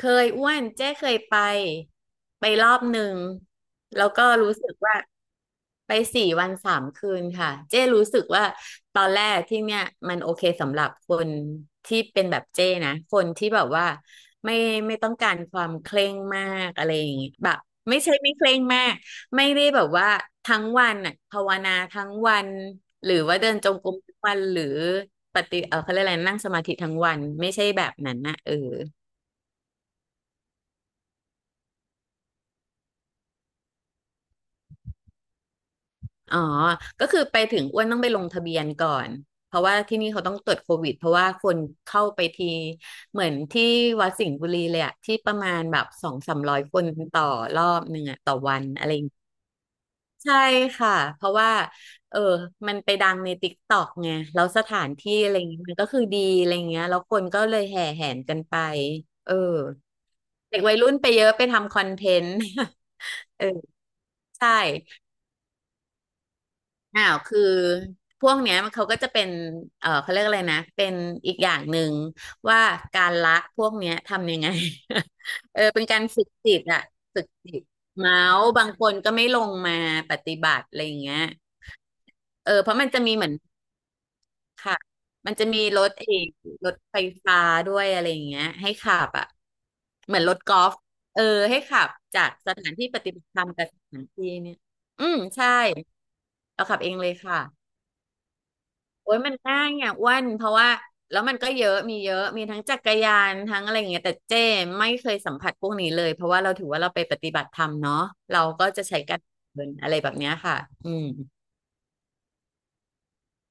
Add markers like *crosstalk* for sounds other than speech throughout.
เคยอ้วนเจ๊เคยไปรอบหนึ่งแล้วก็รู้สึกว่าไป4 วัน 3 คืนค่ะเจ๊รู้สึกว่าตอนแรกที่เนี่ยมันโอเคสำหรับคนที่เป็นแบบเจ๊นะคนที่แบบว่าไม่ไม่ต้องการความเคร่งมากอะไรอย่างงี้แบบไม่ใช่ไม่เคร่งมากไม่ได้แบบว่าทั้งวันน่ะภาวนาทั้งวันหรือว่าเดินจงกรมทั้งวันหรือปฏิเออเขาเรียกอะไรนั่งสมาธิทั้งวันไม่ใช่แบบนั้นนะเออ อ๋อก็คือไปถึงอ้วนต้องไปลงทะเบียนก่อนเพราะว่าที่นี่เขาต้องตรวจโควิดเพราะว่าคนเข้าไปทีเหมือนที่วัดสิงห์บุรีเลยอะที่ประมาณแบบสองสามร้อยคนต่อรอบหนึ่งอะต่อวันอะไรอย่างเงี้ยใช่ค่ะเพราะว่าเออมันไปดังในติ๊กต็อกไงแล้วสถานที่อะไรอย่างเงี้ยมันก็คือดีอะไรอย่างเงี้ยแล้วคนก็เลยแห่แหนกันไปเออเด็กวัยรุ่นไปเยอะไปทำคอนเทนต์ *laughs* เออใช่ อ้าวคือพวกเนี้ยมันเขาก็จะเป็นเออเขาเรียกอะไรนะเป็นอีกอย่างหนึ่งว่าการละพวกเนี้ยทำยังไง *laughs* เออเป็นการฝึกจิตอะฝึกจิตเมาส์บางคนก็ไม่ลงมาปฏิบัติอะไรอย่างเงี้ยเออเพราะมันจะมีเหมือนค่ะมันจะมีรถเอกรถไฟฟ้าด้วยอะไรอย่างเงี้ยให้ขับอะเหมือนรถกอล์ฟเออให้ขับจากสถานที่ปฏิบัติธรรมกับสถานที่เนี่ยอืมใช่เราขับเองเลยค่ะ โอ้ยมันง่ายอ่ะอ้วนเพราะว่าแล้วมันก็เยอะมีเยอะมีทั้งจักรยานทั้งอะไรอย่างเงี้ยแต่เจ้ไม่เคยสัมผัสพวกนี้เลยเพราะว่าเราถือว่าเราไปปฏิบัติธรรมเนาะเราก็จะใช้การเดินอะไรแบบเนี้ยค่ะอืม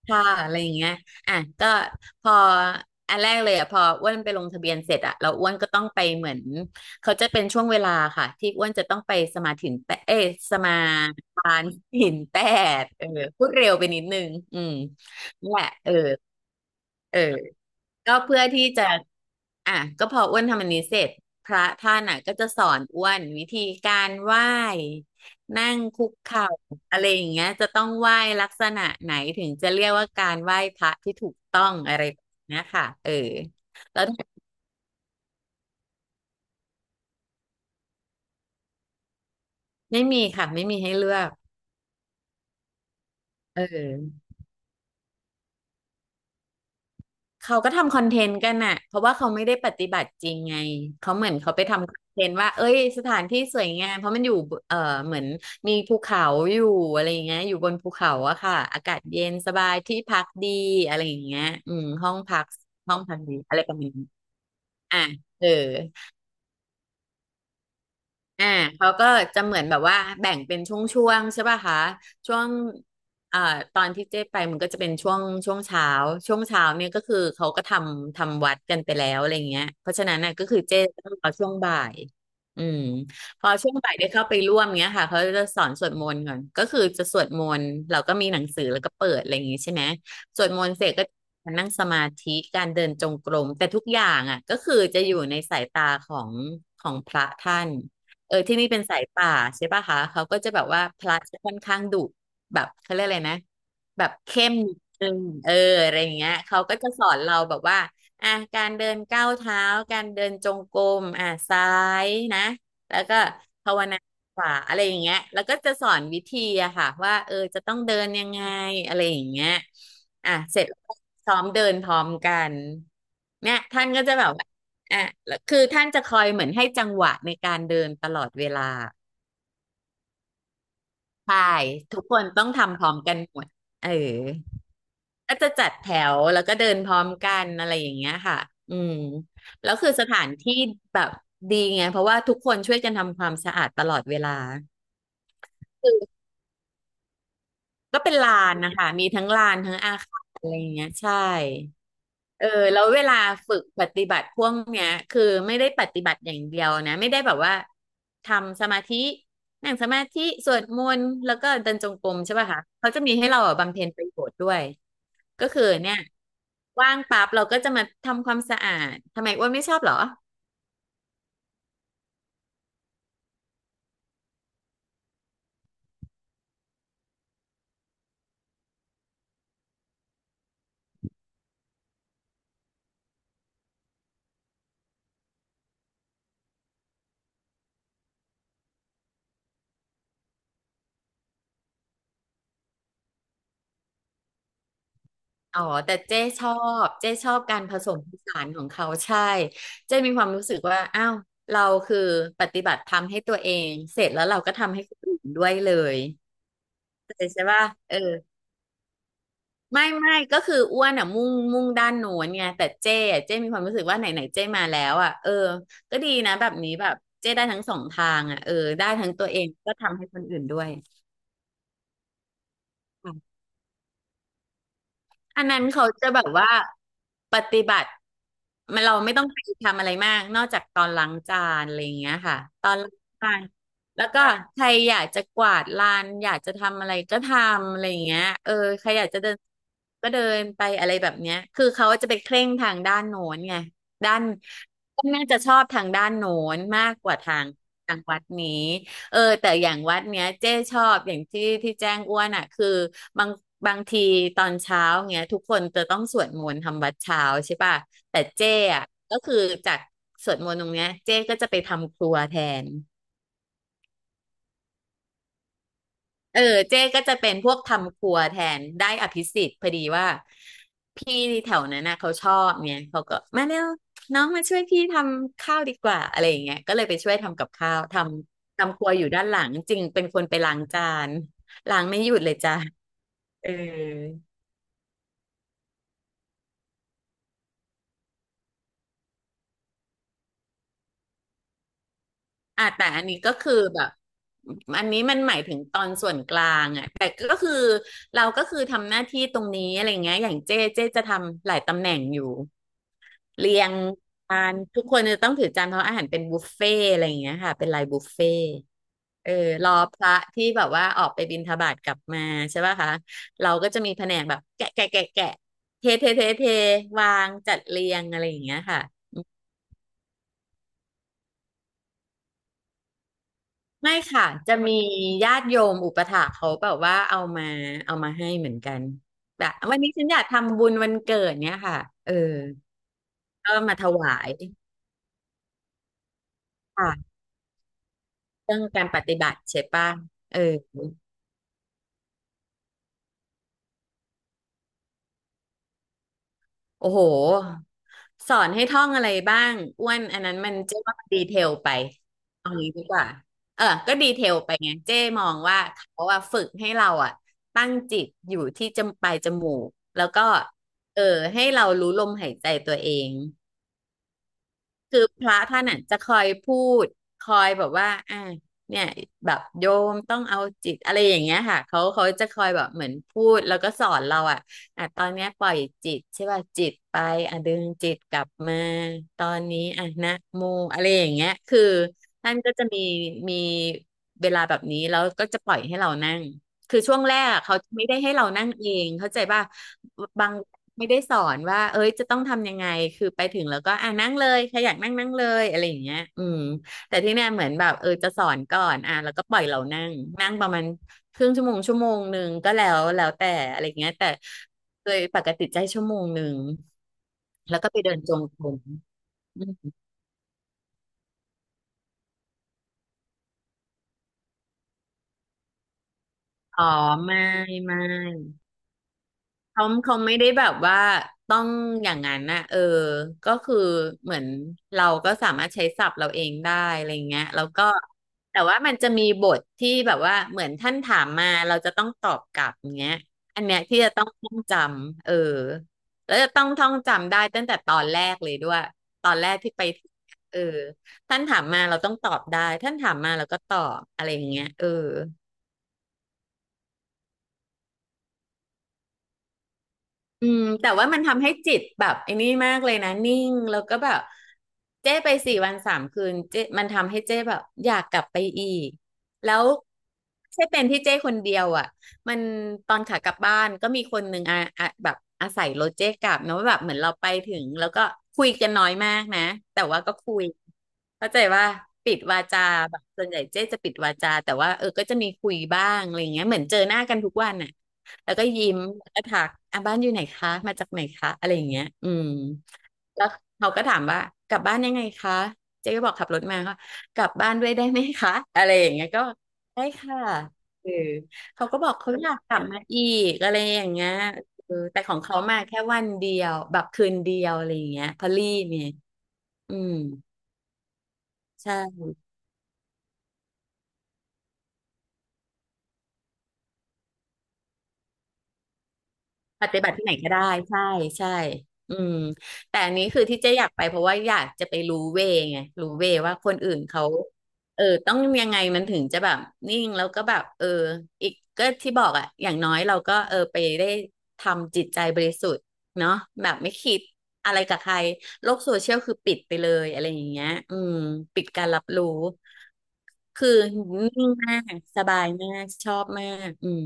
ค่ะอะไรอย่างเงี้ยอ่ะก็พออันแรกเลยอ่ะพออ้วนไปลงทะเบียนเสร็จอ่ะเราอ้วนก็ต้องไปเหมือนเขาจะเป็นช่วงเวลาค่ะที่อ้วนจะต้องไปสมาทานหินแปดเออพูดเร็วไปนิดนึงอืมนั่นแหละเออเออ ก็เพื่อที่จะ อ่ะ ก็พออ้วนทำอันนี้เสร็จ พระท่านอ่ะก็จะสอนอ้วนวิธีการไหว้ นั่งคุกเข่าอะไรอย่างเงี้ยจะต้องไหว้ลักษณะไหนถึงจะเรียกว่าการไหว้พระที่ถูกต้องอะไรแบบเนี้ยค่ะ เออ แล้วไม่มีค่ะ ไม่มีให้เลือกเออ เขาก็ทำคอนเทนต์กันน่ะเพราะว่าเขาไม่ได้ปฏิบัติจริงไง เขาเหมือนเขาไปทำคอนเทนต์ว่าเอ้ยสถานที่สวยงามเพราะมันอยู่บเอ่อเหมือนมีภูเขาอยู่อะไรอย่างเงี้ยอยู่บนภูเขาอะค่ะ อากาศเย็นสบายที่พักดีอะไรอย่างเงี้ยอืมห้องพักดีอะไรประมาณนี้อ่ะเออ อ่าเขาก็จะเหมือนแบบว่าแบ่งเป็นช่วงๆใช่ป่ะคะช่วงอ่าตอนที่เจ๊ไปมันก็จะเป็นช่วงช่วงเช้าเนี่ยก็คือเขาก็ทำวัดกันไปแล้วอะไรเงี้ยเพราะฉะนั้นน่ะก็คือเจ๊ต้องรอช่วงบ่ายอืมพอช่วงบ่ายได้เข้าไปร่วมเงี้ยค่ะเขาจะสอนสวดมนต์ก่อนก็คือจะสวดมนต์เราก็มีหนังสือแล้วก็เปิดอะไรอย่างงี้ใช่ไหมสวดมนต์เสร็จก็มานั่งสมาธิการเดินจงกรมแต่ทุกอย่างอ่ะก็คือจะอยู่ในสายตาของพระท่าน เออที่นี่เป็นสายป่าใช่ป่ะคะเขาก็จะแบบว่าพระจะค่อนข้างดุแบบเขาเรียกอะไรนะแบบเข้มนิดนึงเอออะไรอย่างเงี้ยเขาก็จะสอนเราแบบว่าอ่ะการเดินก้าวเท้าการเดินจงกรมอ่ะซ้ายนะแล้วก็ภาวนาขวาอะไรอย่างเงี้ยแล้วก็จะสอนวิธีอะค่ะว่าเออจะต้องเดินยังไงอะไรอย่างเงี้ยอ่ะเสร็จแล้วก็ซ้อมเดินพร้อมกันเนี่ยท่านก็จะแบบ อ่ะแล้วคือท่านจะคอยเหมือนให้จังหวะในการเดินตลอดเวลาใช่ทุกคนต้องทำพร้อมกันหมดเออก็จะจัดแถวแล้วก็เดินพร้อมกันอะไรอย่างเงี้ยค่ะอืมแล้วคือสถานที่แบบดีไงเพราะว่าทุกคนช่วยกันทำความสะอาดตลอดเวลาคือก็เป็นลานนะคะมีทั้งลานทั้งอาคารอะไรอย่างเงี้ยใช่ เออแล้วเวลาฝึกปฏิบัติพวกเนี้ยคือไม่ได้ปฏิบัติอย่างเดียวนะไม่ได้แบบว่าทำสมาธินั่งสมาธิสวดมนต์แล้วก็เดินจงกรมใช่ป่ะคะเขาจะมีให้เราอ่ะบำเพ็ญประโยชน์ด้วยก็คือเนี่ยว่างปั๊บเราก็จะมาทำความสะอาดทำไมอ้วนไม่ชอบเหรออ๋อแต่เจ๊ชอบการผสมผสานของเขาใช่เจ๊มีความรู้สึกว่าอ้าวเราคือปฏิบัติธรรมให้ตัวเองเสร็จแล้วเราก็ทำให้คนอื่นด้วยเลยเข้าใจใช่ป่ะเออ ไม่ก็คืออ้วนอ่ะมุ่งด้านโน้นไงแต่เจ้อะเจ้มีความรู้สึกว่าไหนไหนเจ้มาแล้วอ่ะเออก็ดีนะแบบนี้แบบเจ้ได้ทั้งสองทางอ่ะเออได้ทั้งตัวเองก็ทำให้คนอื่นด้วย อันนั้นเขาจะแบบว่าปฏิบัติมันเราไม่ต้องไปทำอะไรมากนอกจากตอนล้างจานอะไรอย่างเงี้ยค่ะตอนล้างจานแล้วก็ใครอยากจะกวาดลานอยากจะทำอะไรก็ทำอะไรอย่างเงี้ยใครอยากจะเดินก็เดินไปอะไรแบบเนี้ยคือเขาจะไปเคร่งทางด้านโน้นไงด้านก็น่าจะชอบทางด้านโน้นมากกว่าทางวัดนี้ แต่อย่างวัดเนี้ยเจ้ชอบอย่างที่ที่แจ้งอ้วนอ่ะคือบางบางทีตอนเช้าเงี้ยทุกคนจะต้องสวดมนต์ทำวัดเช้าใช่ป่ะแต่เจ้อ่ะก็คือจากสวดมนต์ตรงเนี้ยเจ้ก็จะไปทำครัวแทน เออเจ๊ก็จะเป็นพวกทำครัวแทนได้อภิสิทธิ์พอดีว่าพี่แถวนั้นน่ะเขาชอบเนี่ยเขาก็มาเร็วน้องมาช่วยพี่ทำข้าวดีกว่าอะไรอย่างเงี้ยก็เลยไปช่วยทำกับข้าวทำครัวอยู่ด้านหลังจริงเป็นคนไปล้างจานล้างไม่หยุดเลยจ้ะเอออ่ะแต่อันนี้ก็คือแบบอันนี้มันหมายถึงตอนส่วนกลางอ่ะแต่ก็คือเราก็คือทำหน้าที่ตรงนี้อะไรเงี้ยอย่างเจ๊จะทำหลายตำแหน่งอยู่ เรียงจานทุกคนจะต้องถือจานเพราะอาหารเป็นบุฟเฟ่ต์อะไรอย่างเงี้ยค่ะเป็นลายบุฟเฟ่ต์เออรอพระที่แบบว่าออกไปบิณฑบาตกลับมาใช่ป่ะคะเราก็จะมีแผนกแบบแกะเทวางจัดเรียงอะไรอย่างเงี้ยค่ะไม่ค่ะจะมีญาติโยมอุปถากเขาแบบว่าเอามาให้เหมือนกันแบบวันนี้ฉันอยากทำบุญวันเกิดเนี้ยค่ะเออก็มาถวายค่ะเรื่องการปฏิบัติใช่ป่ะเออ โอ้โห สอนให้ท่องอะไรบ้างอ้วนอันนั้นมันเจ๊ว่ามันดีเทลไปเอางี้ดีกว่าเออก็ดีเทลไปไงเจ๊มองว่าเขาอะฝึกให้เราอะตั้งจิตอยู่ที่จมปลายจมูกแล้วก็เออให้เรารู้ลมหายใจตัวเอง คือพระท่านอ่ะจะคอยพูดคอยแบบว่าเนี่ยแบบโยมต้องเอาจิตอะไรอย่างเงี้ยค่ะเขาจะคอยแบบเหมือนพูดแล้วก็สอนเราอ่ะอ่ะตอนเนี้ยปล่อยจิตใช่ป่ะจิตไปอ่ะดึงจิตกลับมาตอนนี้อ่ะนะโมอะไรอย่างเงี้ยคือท่านก็จะมีเวลาแบบนี้แล้วก็จะปล่อยให้เรานั่ง คือช่วงแรกอะเขาไม่ได้ให้เรานั่งเองเข้าใจป่ะบางไม่ได้สอนว่าเอ้ยจะต้องทำยังไงคือไปถึงแล้วก็อ่ะนั่งเลยใครอยากนั่งนั่งเลยอะไรอย่างเงี้ยอืมแต่ที่เนี่ยเหมือนแบบเออจะสอนก่อนอ่ะแล้วก็ปล่อยเรานั่งนั่งประมาณครึ่งชั่วโมงชั่วโมงหนึ่งก็แล้วแต่อะไรอย่างเงี้ยแต่โดยปกติใจชั่วโมงหนึ่งแล้วก็ไปเดินจงกรมอืมอ๋อไม่ไม่ เขาไม่ได้แบบว่าต้องอย่างนั้นนะเออก็คือเหมือนเราก็สามารถใช้ศัพท์เราเองได้อะไรเงี้ยแล้วก็แต่ว่ามันจะมีบทที่แบบว่าเหมือนท่านถามมาเราจะต้องตอบกลับเงี้ยอันเนี้ยที่จะต้องท่องจำเออแล้วจะต้องท่องจำได้ตั้งแต่ตอนแรกเลยด้วยตอนแรกที่ไปเออท่านถามมาเราต้องตอบได้ท่านถามมาเราก็ตอบอะไรอย่างเงี้ยเออ อืมแต่ว่ามันทำให้จิตแบบไอ้นี่มากเลยนะนิ่งแล้วก็แบบเจ้ไป4 วัน 3 คืนเจ้มันทำให้เจ้แบบอยากกลับไปอีกแล้วไม่ใช่เป็นที่เจ้คนเดียวอ่ะมันตอนขากลับบ้านก็มีคนหนึ่งอ่ะแบบอาศัยรถเจ้กลับนะว่าแบบเหมือนเราไปถึงแล้วก็คุยกันน้อยมากนะแต่ว่าก็คุยเข้าใจว่าปิดวาจาแบบส่วนใหญ่เจ๊จะปิดวาจาแต่ว่าเออก็จะมีคุยบ้างอะไรเงี้ยเหมือนเจอหน้ากันทุกวันอ่ะ แล้วก็ยิ้มแล้วก็ทักอ่ะบ้านอยู่ไหนคะมาจากไหนคะอะไรอย่างเงี้ยอืมแล้วเขาก็ถามว่ากลับบ้านยังไงคะเจ๊ก็บอกขับรถมาค่ะกลับบ้านด้วยได้ไหมคะอะไรอย่างเงี้ยก็ได้ค่ะเออเขาก็บอกเขาอยากกลับมาอีกอะไรอย่างเงี้ยเออแต่ของเขามาแค่วันเดียวแบบคืนเดียวอะไรอย่างเงี้ยพอลลี่เนี่ยอืมใช่ ปฏิบัติที่ไหนก็ได้ใช่ใช่อืมแต่อันนี้คือที่เจ๊อยากไปเพราะว่าอยากจะไปรู้เวไงรู้เวว่าคนอื่นเขาเออต้องยังไงมันถึงจะแบบนิ่งแล้วก็แบบเอออีกก็ที่บอกอะอย่างน้อยเราก็เออไปได้ทำจิตใจบริสุทธิ์เนาะแบบไม่คิดอะไรกับใครโลกโซเชียลคือปิดไปเลยอะไรอย่างเงี้ยอืมปิดการรับรู้คือนิ่งมากสบายมากชอบมากอืม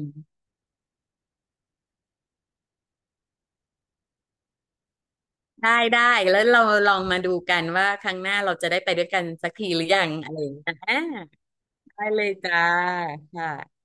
ได้แล้วเราลองมาดูกันว่าครั้งหน้าเราจะได้ไปด้วยกันสักทีหรือยังอะไรอย่างเงี้ยอ่าได้เลยจ้าค่ะ